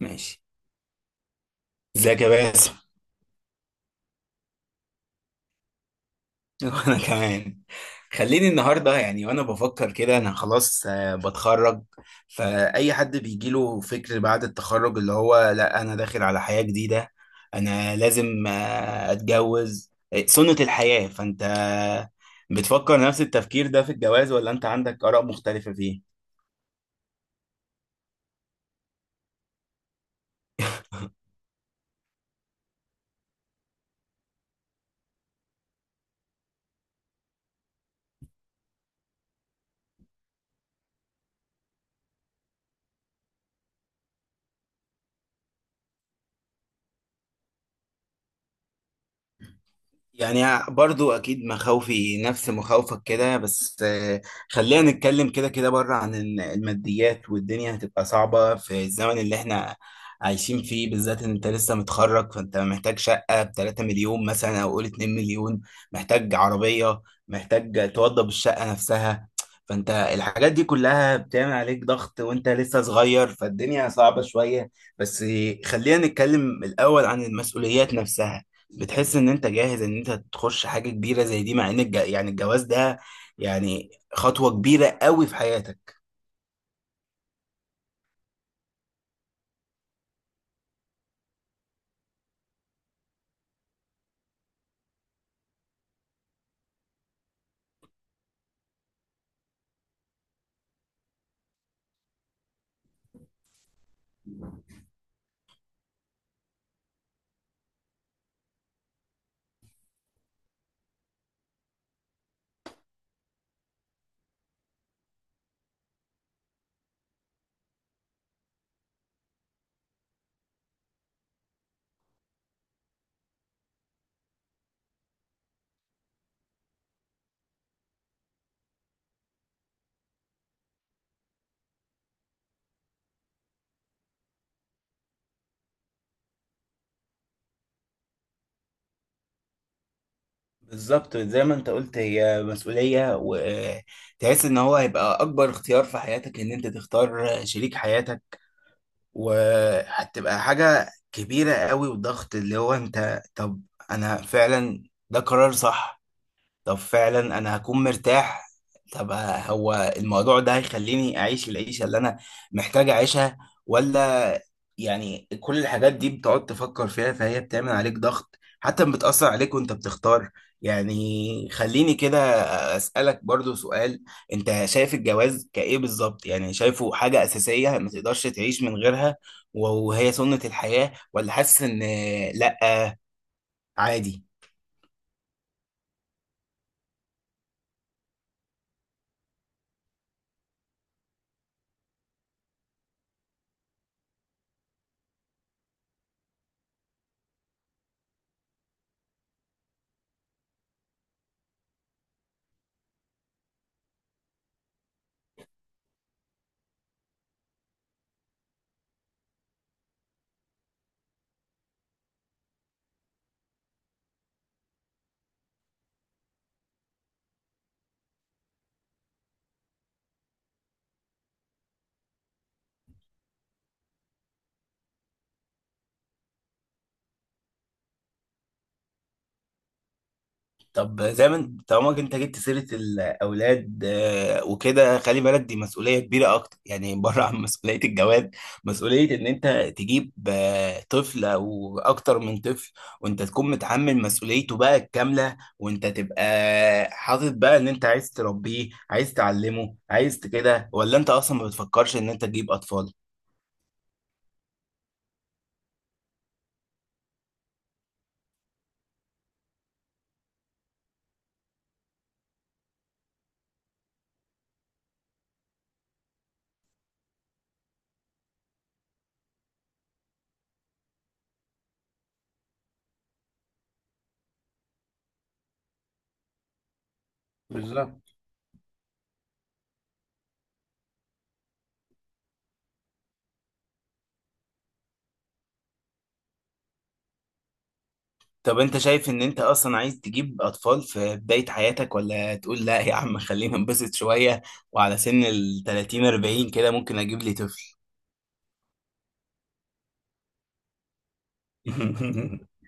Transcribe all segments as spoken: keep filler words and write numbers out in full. ماشي. ازيك يا باسم؟ وانا كمان. خليني النهارده يعني وانا بفكر كده انا خلاص، آه، بتخرج. فاي حد بيجيله فكر بعد التخرج اللي هو لا انا داخل على حياة جديدة. انا لازم آه، اتجوز، آه، سنة الحياة. فانت بتفكر نفس التفكير ده في الجواز ولا انت عندك آراء مختلفة فيه؟ يعني برضو اكيد مخاوفي نفس مخاوفك كده، بس آه، خلينا نتكلم كده كده بره عن ال- الماديات. والدنيا هتبقى صعبة في الزمن اللي احنا عايشين فيه، بالذات ان انت لسه متخرج. فانت محتاج شقة ب تلاتة مليون مثلا او قول اتنين مليون، محتاج عربية، محتاج توضب الشقة نفسها. فانت الحاجات دي كلها بتعمل عليك ضغط وانت لسه صغير، فالدنيا صعبة شوية. بس خلينا نتكلم الاول عن المسؤوليات نفسها. بتحس ان انت جاهز ان انت تخش حاجه كبيره زي دي، مع ان الج... يعني الجواز ده يعني خطوه كبيره قوي في حياتك. بالظبط زي ما انت قلت، هي مسؤوليه. وتحس ان هو هيبقى اكبر اختيار في حياتك ان انت تختار شريك حياتك، وهتبقى حاجه كبيره قوي وضغط اللي هو انت. طب انا فعلا ده قرار صح؟ طب فعلا انا هكون مرتاح؟ طب هو الموضوع ده هيخليني اعيش العيشه اللي انا محتاج اعيشها ولا؟ يعني كل الحاجات دي بتقعد تفكر فيها، فهي بتعمل عليك ضغط حتى بتأثر عليك وانت بتختار. يعني خليني كده أسألك برضو سؤال. انت شايف الجواز كإيه بالظبط؟ يعني شايفه حاجة أساسية ما تقدرش تعيش من غيرها وهي سنة الحياة، ولا حاسس ان لأ عادي؟ طب زي ما انت- طالما انت جبت سيرة الأولاد، آه، وكده خلي بالك دي مسؤولية كبيرة أكتر. يعني بره عن مسؤولية الجواز، مسؤولية إن أنت تجيب آه، طفل أو أكتر من طفل، وأنت تكون متحمل مسؤوليته بقى الكاملة، وأنت تبقى حاطط بقى إن أنت عايز تربيه، عايز تعلمه، عايز ت- كده. ولا أنت أصلا ما بتفكرش إن أنت تجيب أطفال؟ طب انت شايف ان انت اصلا عايز تجيب اطفال في بداية حياتك، ولا تقول لا يا عم خلينا نبسط شوية وعلى سن ال تلاتين اربعين كده ممكن اجيب لي طفل؟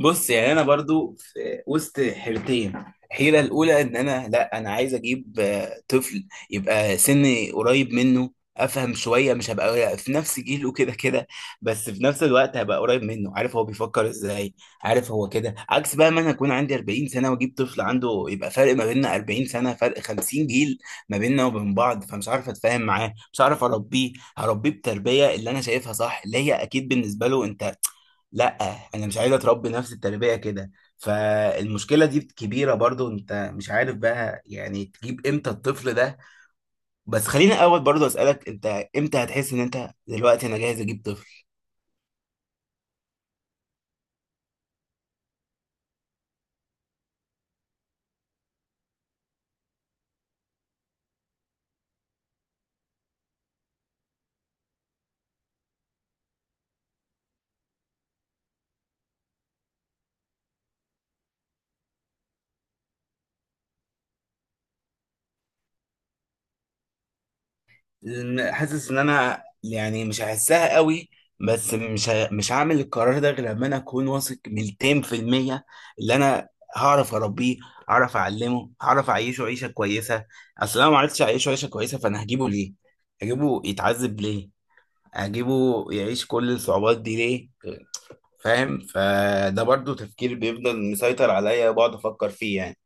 بص يعني انا برضو في وسط حيرتين. الحيره الاولى ان انا لا، انا عايز اجيب آه، طفل يبقى سني قريب منه، افهم شويه، مش هبقى في نفس جيله كده كده. بس في نفس الوقت هبقى قريب منه، عارف هو بيفكر ازاي، عارف هو كده. عكس بقى ما انا اكون عندي اربعين سنه واجيب طفل عنده، يبقى فرق ما بيننا اربعين سنه فرق خمسين جيل ما بيننا وبين بعض، فمش عارف اتفاهم معاه، مش عارف اربيه. هربيه بتربيه اللي انا شايفها صح، اللي هي اكيد بالنسبه له انت لا، انا مش عايز اتربي نفس التربيه كده. فالمشكله دي كبيره برضو، انت مش عارف بقى يعني تجيب امتى الطفل ده. بس خليني اول برضو اسالك انت، امتى هتحس ان انت دلوقتي انا جاهز اجيب طفل؟ لأن حاسس ان انا يعني مش هحسها قوي. بس مش ه... مش هعمل القرار ده غير لما انا اكون واثق ميتين في المية. اللي انا هعرف اربيه، هعرف اعلمه، هعرف اعيشه عيشه كويسه. اصل انا ما عرفتش اعيشه عيشه كويسه، فانا هجيبه ليه؟ هجيبه يتعذب ليه؟ هجيبه يعيش كل الصعوبات دي ليه؟ فاهم؟ فده برضو تفكير بيفضل مسيطر عليا وبقعد افكر فيه يعني.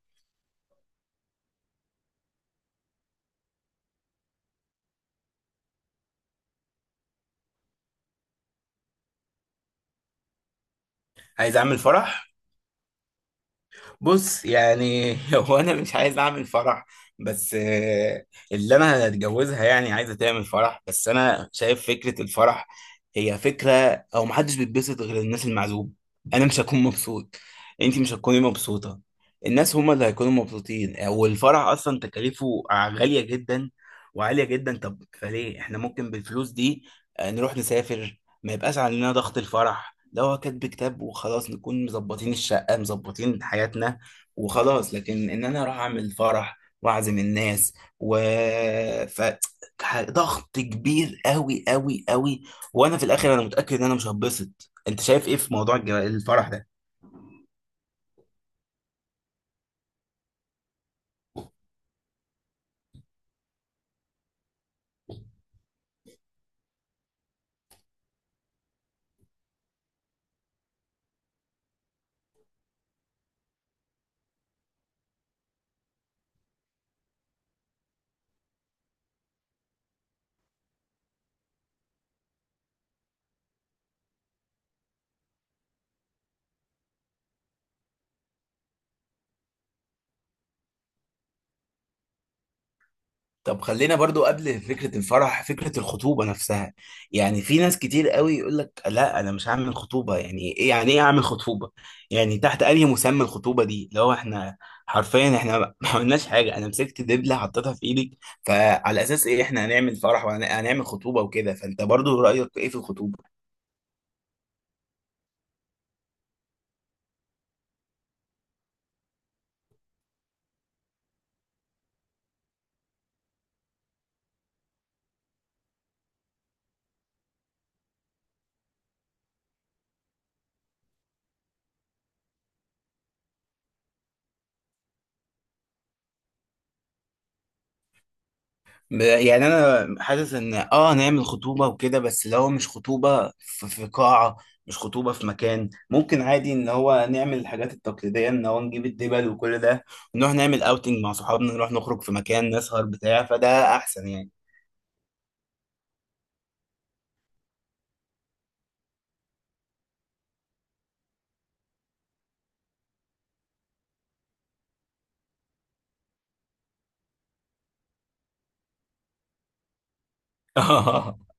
عايز اعمل فرح. بص يعني هو انا مش عايز اعمل فرح، بس آه، اللي انا هتجوزها يعني عايزه تعمل فرح. بس انا شايف فكره الفرح هي فكره، او محدش بيتبسط غير الناس المعزوب. انا مش هكون مبسوط، انت مش هتكوني مبسوطه، الناس هما اللي هيكونوا مبسوطين. آه، والفرح اصلا تكاليفه غاليه جدا وعاليه جدا. طب فليه احنا ممكن بالفلوس دي آه، نروح نسافر، ما يبقاش علينا ضغط الفرح؟ لو هو كاتب كتاب وخلاص، نكون مظبطين الشقة، مظبطين حياتنا وخلاص. لكن ان انا اروح اعمل فرح واعزم الناس، و ف ح- ضغط كبير قوي قوي قوي. وانا في الاخر انا متاكد ان انا مش هتبسط. انت شايف ايه في موضوع الج- الفرح ده؟ طب خلينا برضو قبل فكرة الفرح فكرة الخطوبة نفسها. يعني في ناس كتير قوي يقول لك لا، أنا مش هعمل خطوبة، يعني إيه يعني إيه أعمل خطوبة؟ يعني تحت أنهي مسمى الخطوبة دي لو إحنا حرفيا إحنا ما ما عملناش حاجة؟ أنا مسكت دبلة حطيتها في إيدك، فعلى أساس إيه إحنا هنعمل فرح وهنعمل خطوبة وكده؟ فأنت برضو رأيك إيه في الخطوبة؟ ب- يعني انا حاسس ان اه نعمل خطوبه وكده، بس اللي هو مش خطوبه في في قاعه، مش خطوبه في مكان. ممكن عادي ان هو نعمل الحاجات التقليديه، ان هو نجيب الدبل وكل ده، ونروح نعمل اوتنج مع صحابنا، نروح نخرج في مكان نسهر بتاع. فده احسن يعني.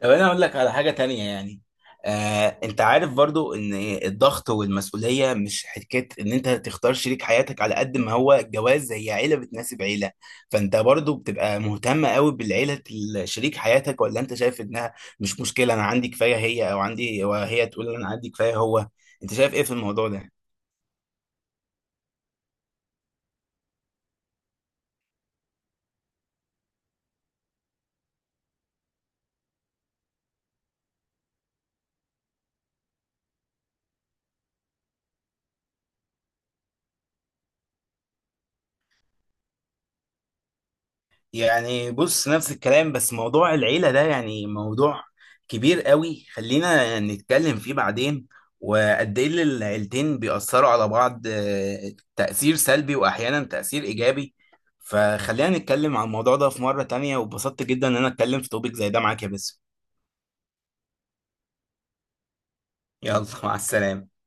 طب انا اقول لك على حاجه تانية يعني. آه، انت عارف برضو ان الضغط والمسؤوليه مش حكايه ان انت تختار شريك حياتك. على قد ما هو الجواز، هي عيله بتناسب عيله. فانت برضو بتبقى مهتم قوي بالعيله ال- شريك حياتك؟ ولا انت شايف انها مش مشكله، انا عندي كفايه هي، او عندي وهي تقول انا عندي كفايه هو؟ انت شايف ايه في الموضوع ده؟ يعني بص نفس الكلام، بس موضوع العيلة ده يعني موضوع كبير قوي، خلينا نتكلم فيه بعدين. وقد ايه اللي العيلتين بيأثروا على بعض، آه، تأثير سلبي وأحيانا تأثير إيجابي. فخلينا نتكلم عن الموضوع ده في مرة تانية. وبسطت جدا إن أنا أتكلم في توبيك زي ده معاك يا باسم. يلا مع السلامة.